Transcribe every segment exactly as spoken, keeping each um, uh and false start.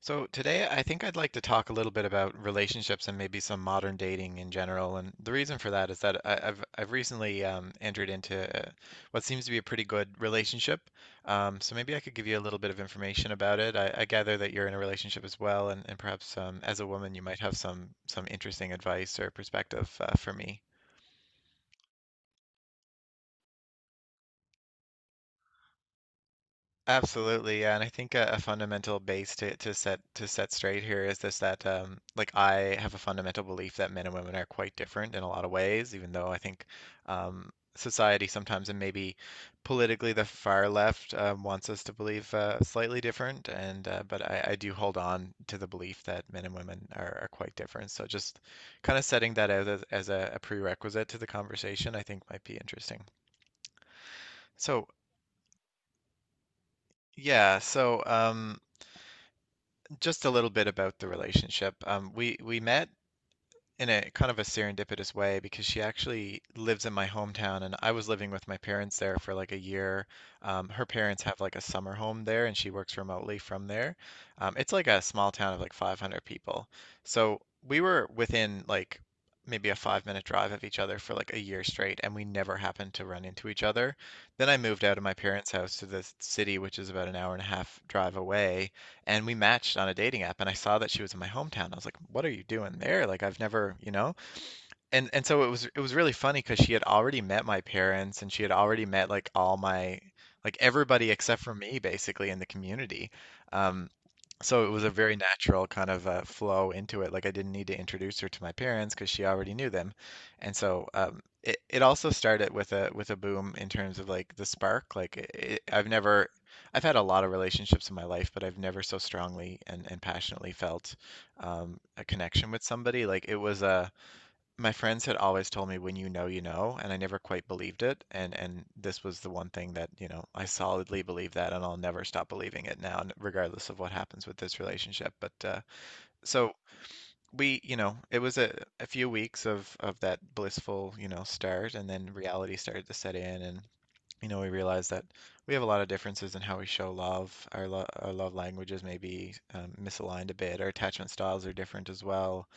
So today, I think I'd like to talk a little bit about relationships and maybe some modern dating in general. And the reason for that is that I, I've I've recently um, entered into uh, what seems to be a pretty good relationship. Um, so maybe I could give you a little bit of information about it. I, I gather that you're in a relationship as well, and, and perhaps um, as a woman, you might have some some interesting advice or perspective uh, for me. Absolutely, yeah, and I think a, a fundamental base to, to set to set straight here is this that um, like I have a fundamental belief that men and women are quite different in a lot of ways, even though I think um, society sometimes and maybe politically the far left um, wants us to believe uh, slightly different, and uh, but I, I do hold on to the belief that men and women are, are quite different. So just kind of setting that out as, as a, a prerequisite to the conversation, I think might be interesting. So yeah, so um, just a little bit about the relationship. Um, we we met in a kind of a serendipitous way because she actually lives in my hometown, and I was living with my parents there for like a year. Um, her parents have like a summer home there, and she works remotely from there. Um, it's like a small town of like five hundred people, so we were within like maybe a five minute drive of each other for like a year straight, and we never happened to run into each other. Then I moved out of my parents' house to the city, which is about an hour and a half drive away and we matched on a dating app and I saw that she was in my hometown. I was like, "What are you doing there? Like I've never, you know?" And and so it was it was really funny because she had already met my parents and she had already met like all my like everybody except for me basically in the community. Um, so it was a very natural kind of uh, flow into it. Like I didn't need to introduce her to my parents because she already knew them. And so um, it it also started with a with a boom in terms of like the spark. Like it, I've never, I've had a lot of relationships in my life, but I've never so strongly and, and passionately felt um, a connection with somebody. Like it was a my friends had always told me when you know, you know, and I never quite believed it. And and this was the one thing that, you know, I solidly believe that and I'll never stop believing it now, n- regardless of what happens with this relationship. But uh, so we, you know, it was a, a few weeks of of that blissful, you know, start and then reality started to set in and you know, we realize that we have a lot of differences in how we show love. Our, lo our love languages may be um, misaligned a bit. Our attachment styles are different as well.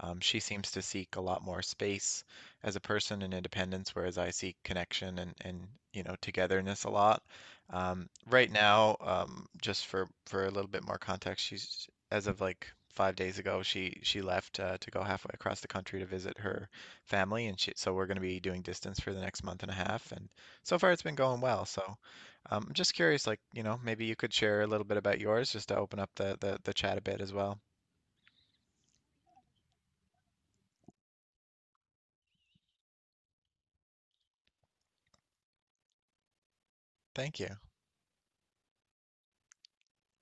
Um, she seems to seek a lot more space as a person and independence, whereas I seek connection and, and you know, togetherness a lot. Um, right now, um, just for, for a little bit more context, she's as of like five days ago, she she left uh, to go halfway across the country to visit her family, and she, so we're going to be doing distance for the next month and a half, and so far, it's been going well. So, um, I'm just curious, like, you know, maybe you could share a little bit about yours just to open up the the, the chat a bit as well. Thank you.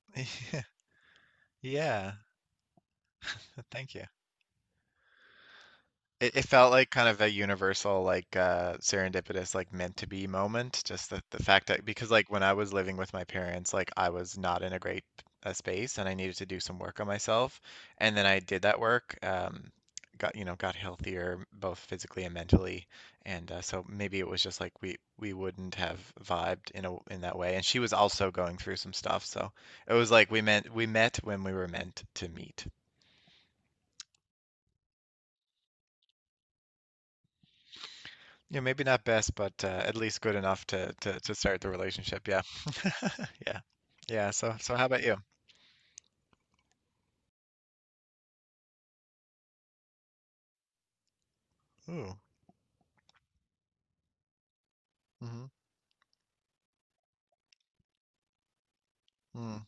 Yeah, thank you. It, it felt like kind of a universal, like uh, serendipitous, like meant to be moment. Just the, the fact that because like when I was living with my parents, like I was not in a great uh, space and I needed to do some work on myself. And then I did that work, um, got you know got healthier both physically and mentally. And uh, so maybe it was just like we we wouldn't have vibed in a in that way. And she was also going through some stuff, so it was like we meant we met when we were meant to meet. Yeah, maybe not best, but uh, at least good enough to, to to start the relationship. Yeah, yeah, yeah. So so how about you? Ooh. Mm-hmm. Mm,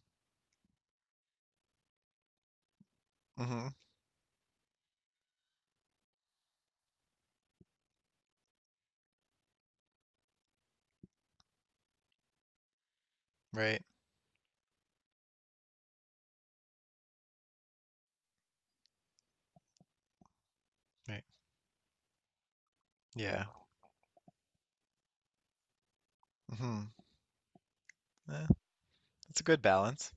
hmm. Right. Right. Yeah. Mm-hmm. Eh, that's a good balance.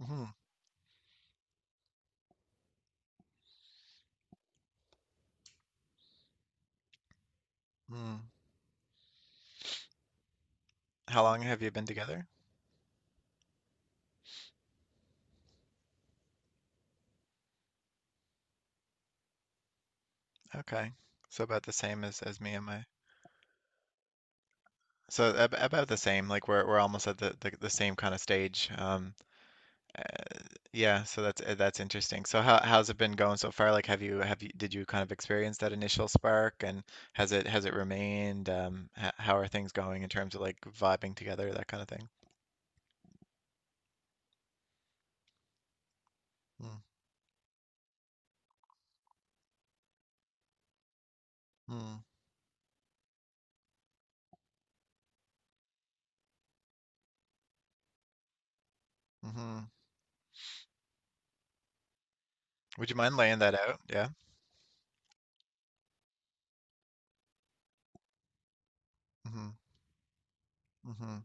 Mm-hmm. Mm. How long have you been together? Okay. So about the same as as me and my. So ab about the same. Like we're we're almost at the the, the same kind of stage. Um, Yeah, so that's uh, that's interesting. So how how's it been going so far? Like, have you have you did you kind of experience that initial spark, and has it has it remained? Um, h how are things going in terms of like vibing together, that kind of thing? Mm-hmm. Mm-hmm. Would you mind laying that out? Yeah. Mm-hmm. Mm-hmm.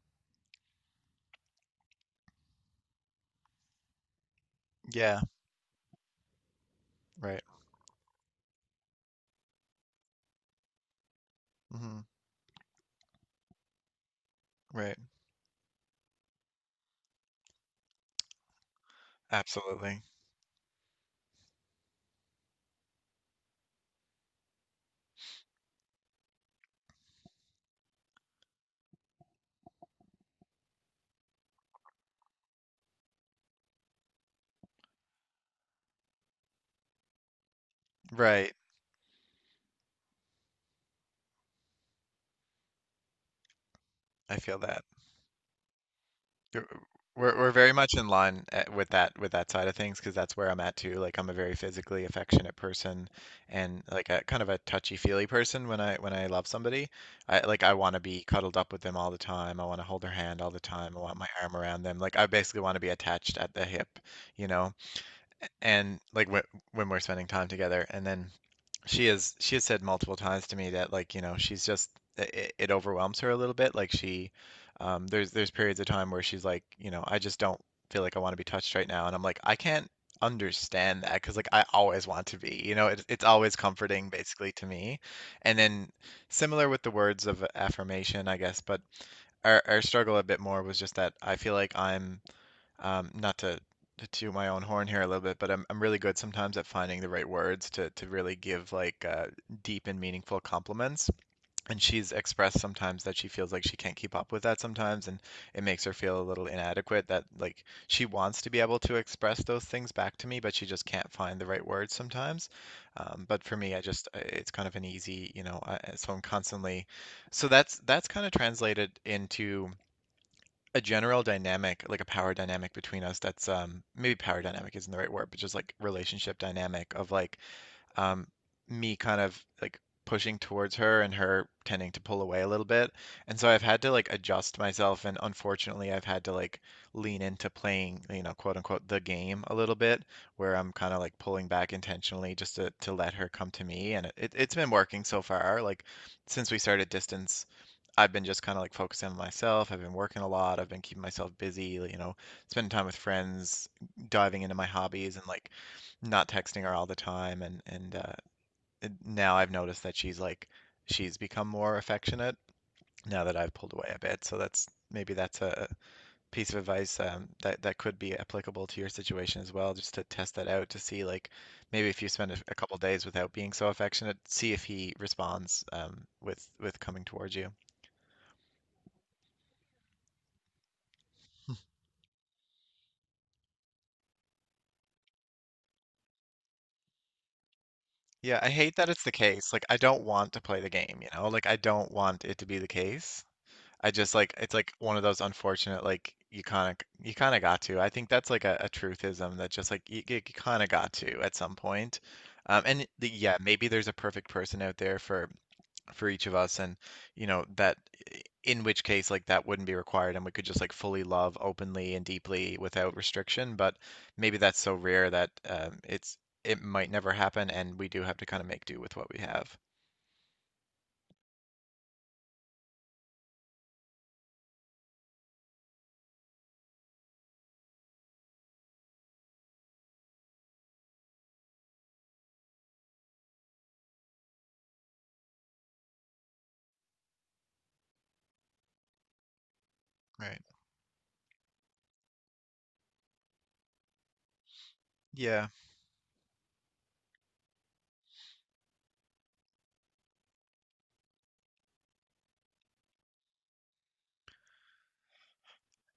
Yeah. Right. Mm-hmm. Right. Absolutely. Right. I feel that. You're- We're we're very much in line at, with that with that side of things because that's where I'm at too. Like I'm a very physically affectionate person and like a kind of a touchy-feely person when I when I love somebody. I like I want to be cuddled up with them all the time. I want to hold their hand all the time. I want my arm around them. Like I basically want to be attached at the hip, you know? And like wh when we're spending time together and then she has she has said multiple times to me that like, you know, she's just it, it overwhelms her a little bit. Like she um there's there's periods of time where she's like, you know, I just don't feel like I want to be touched right now. And I'm like, I can't understand that because like I always want to be, you know, it's it's always comforting basically to me. And then similar with the words of affirmation, I guess, but our, our struggle a bit more was just that I feel like I'm um, not to, to toot my own horn here a little bit, but I'm I'm really good sometimes at finding the right words to to really give like uh, deep and meaningful compliments. And she's expressed sometimes that she feels like she can't keep up with that sometimes, and it makes her feel a little inadequate that like she wants to be able to express those things back to me, but she just can't find the right words sometimes. Um, but for me, I just uh, it's kind of an easy, you know, I, so I'm constantly, so that's that's kind of translated into a general dynamic, like a power dynamic between us that's um maybe power dynamic isn't the right word, but just like relationship dynamic of like um me kind of like pushing towards her and her tending to pull away a little bit. And so I've had to like adjust myself and unfortunately I've had to like lean into playing, you know, quote unquote the game a little bit where I'm kind of like pulling back intentionally just to to let her come to me and it, it- it's been working so far. Like since we started distance I've been just kind of like focusing on myself. I've been working a lot. I've been keeping myself busy, like, you know, spending time with friends, diving into my hobbies and like not texting her all the time. And and uh, and now I've noticed that she's like she's become more affectionate now that I've pulled away a bit. So that's maybe that's a piece of advice um, that that could be applicable to your situation as well, just to test that out to see like maybe if you spend a, a couple days without being so affectionate, see if he responds um, with with coming towards you. Yeah, I hate that it's the case. Like, I don't want to play the game, you know? Like, I don't want it to be the case. I just like it's like one of those unfortunate like you kind of you kind of got to. I think that's like a, a truthism that just like you, you kind of got to at some point. Um, and the, yeah, maybe there's a perfect person out there for for each of us and you know that in which case like that wouldn't be required and we could just like fully love openly and deeply without restriction, but maybe that's so rare that um, it's it might never happen, and we do have to kind of make do with what we have. Right. Yeah,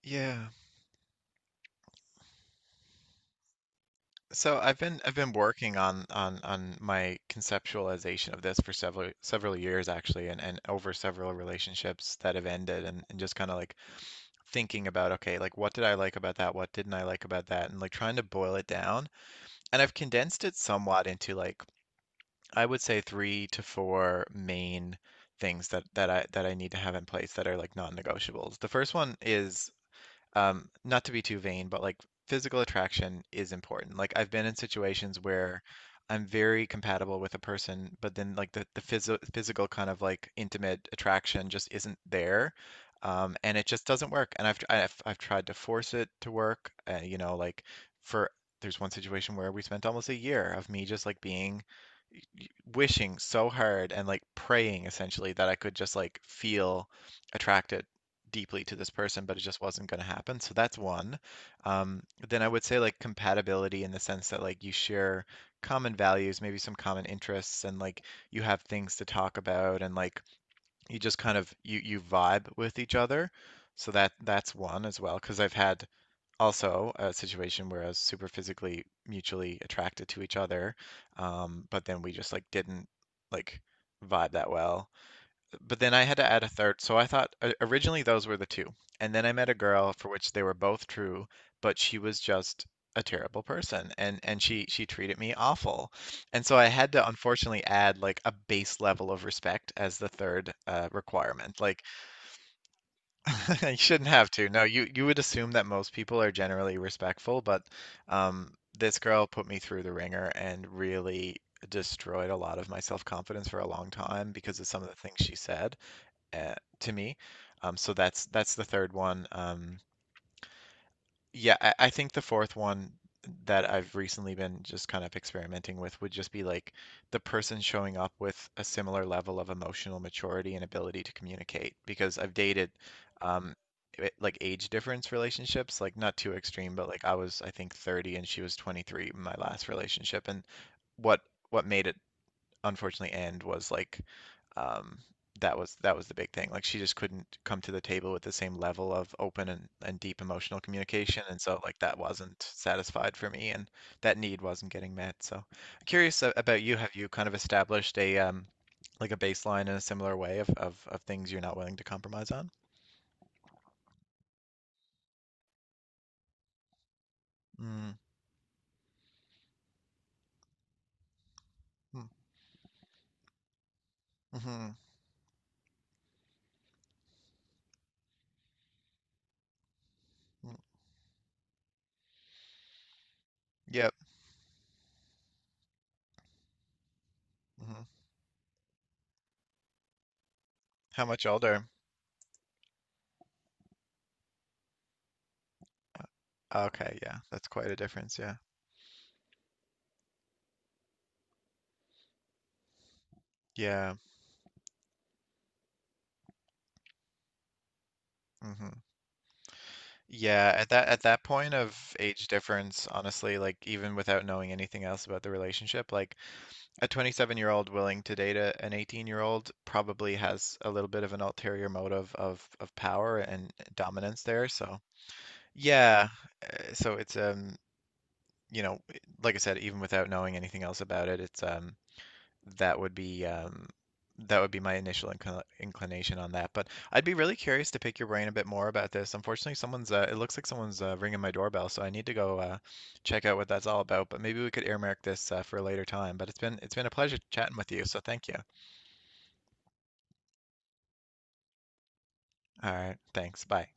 yeah. So I've been I've been working on on on my conceptualization of this for several several years, actually, and and over several relationships that have ended, and and just kind of like thinking about, okay, like what did I like about that? What didn't I like about that? And like trying to boil it down. And I've condensed it somewhat into like I would say three to four main things that that I that I need to have in place that are like non-negotiables. The first one is, um, not to be too vain, but like physical attraction is important. Like I've been in situations where I'm very compatible with a person, but then like the the phys physical kind of like intimate attraction just isn't there. Um, and it just doesn't work. And I've, tr- I've I've tried to force it to work. Uh, you know, like for there's one situation where we spent almost a year of me just like being y- wishing so hard and like praying essentially that I could just like feel attracted deeply to this person, but it just wasn't going to happen. So that's one. Um, then I would say like compatibility in the sense that like you share common values, maybe some common interests, and like you have things to talk about, and like you just kind of you you vibe with each other. So that that's one as well, because I've had also a situation where I was super physically mutually attracted to each other, um, but then we just like didn't like vibe that well. But then I had to add a third. So I thought o- originally those were the two. And then I met a girl for which they were both true, but she was just a terrible person, and and she she treated me awful. And so I had to unfortunately add like a base level of respect as the third uh, requirement. Like, you shouldn't have to. No, you you would assume that most people are generally respectful, but um this girl put me through the ringer and really destroyed a lot of my self-confidence for a long time because of some of the things she said uh, to me. Um, so that's that's the third one. Um, yeah, I, I think the fourth one that I've recently been just kind of experimenting with would just be like the person showing up with a similar level of emotional maturity and ability to communicate, because I've dated um, i- like age difference relationships, like not too extreme, but like I was I think thirty and she was twenty-three in my last relationship. And what what made it unfortunately end was like um that was that was the big thing. Like she just couldn't come to the table with the same level of open and, and deep emotional communication. And so like that wasn't satisfied for me, and that need wasn't getting met. So I'm curious a- about you. Have you kind of established a um like a baseline in a similar way of of, of things you're not willing to compromise on? Mm, mm, mhm, mm, yep. Mhm. How much older? Uh, Okay, yeah. That's quite a difference, yeah. Yeah. Mhm. Yeah, at that at that point of age difference, honestly, like even without knowing anything else about the relationship, like a twenty-seven-year-old willing to date a, an eighteen-year-old probably has a little bit of an ulterior motive of of power and dominance there. So, yeah, uh, so it's um, you know, like I said, even without knowing anything else about it, it's um that would be um, that would be my initial incl inclination on that. But I'd be really curious to pick your brain a bit more about this. Unfortunately, someone's uh, it looks like someone's uh, ringing my doorbell, so I need to go uh, check out what that's all about. But maybe we could earmark this uh, for a later time. But it's been it's been a pleasure chatting with you, so thank you. All right, thanks. Bye.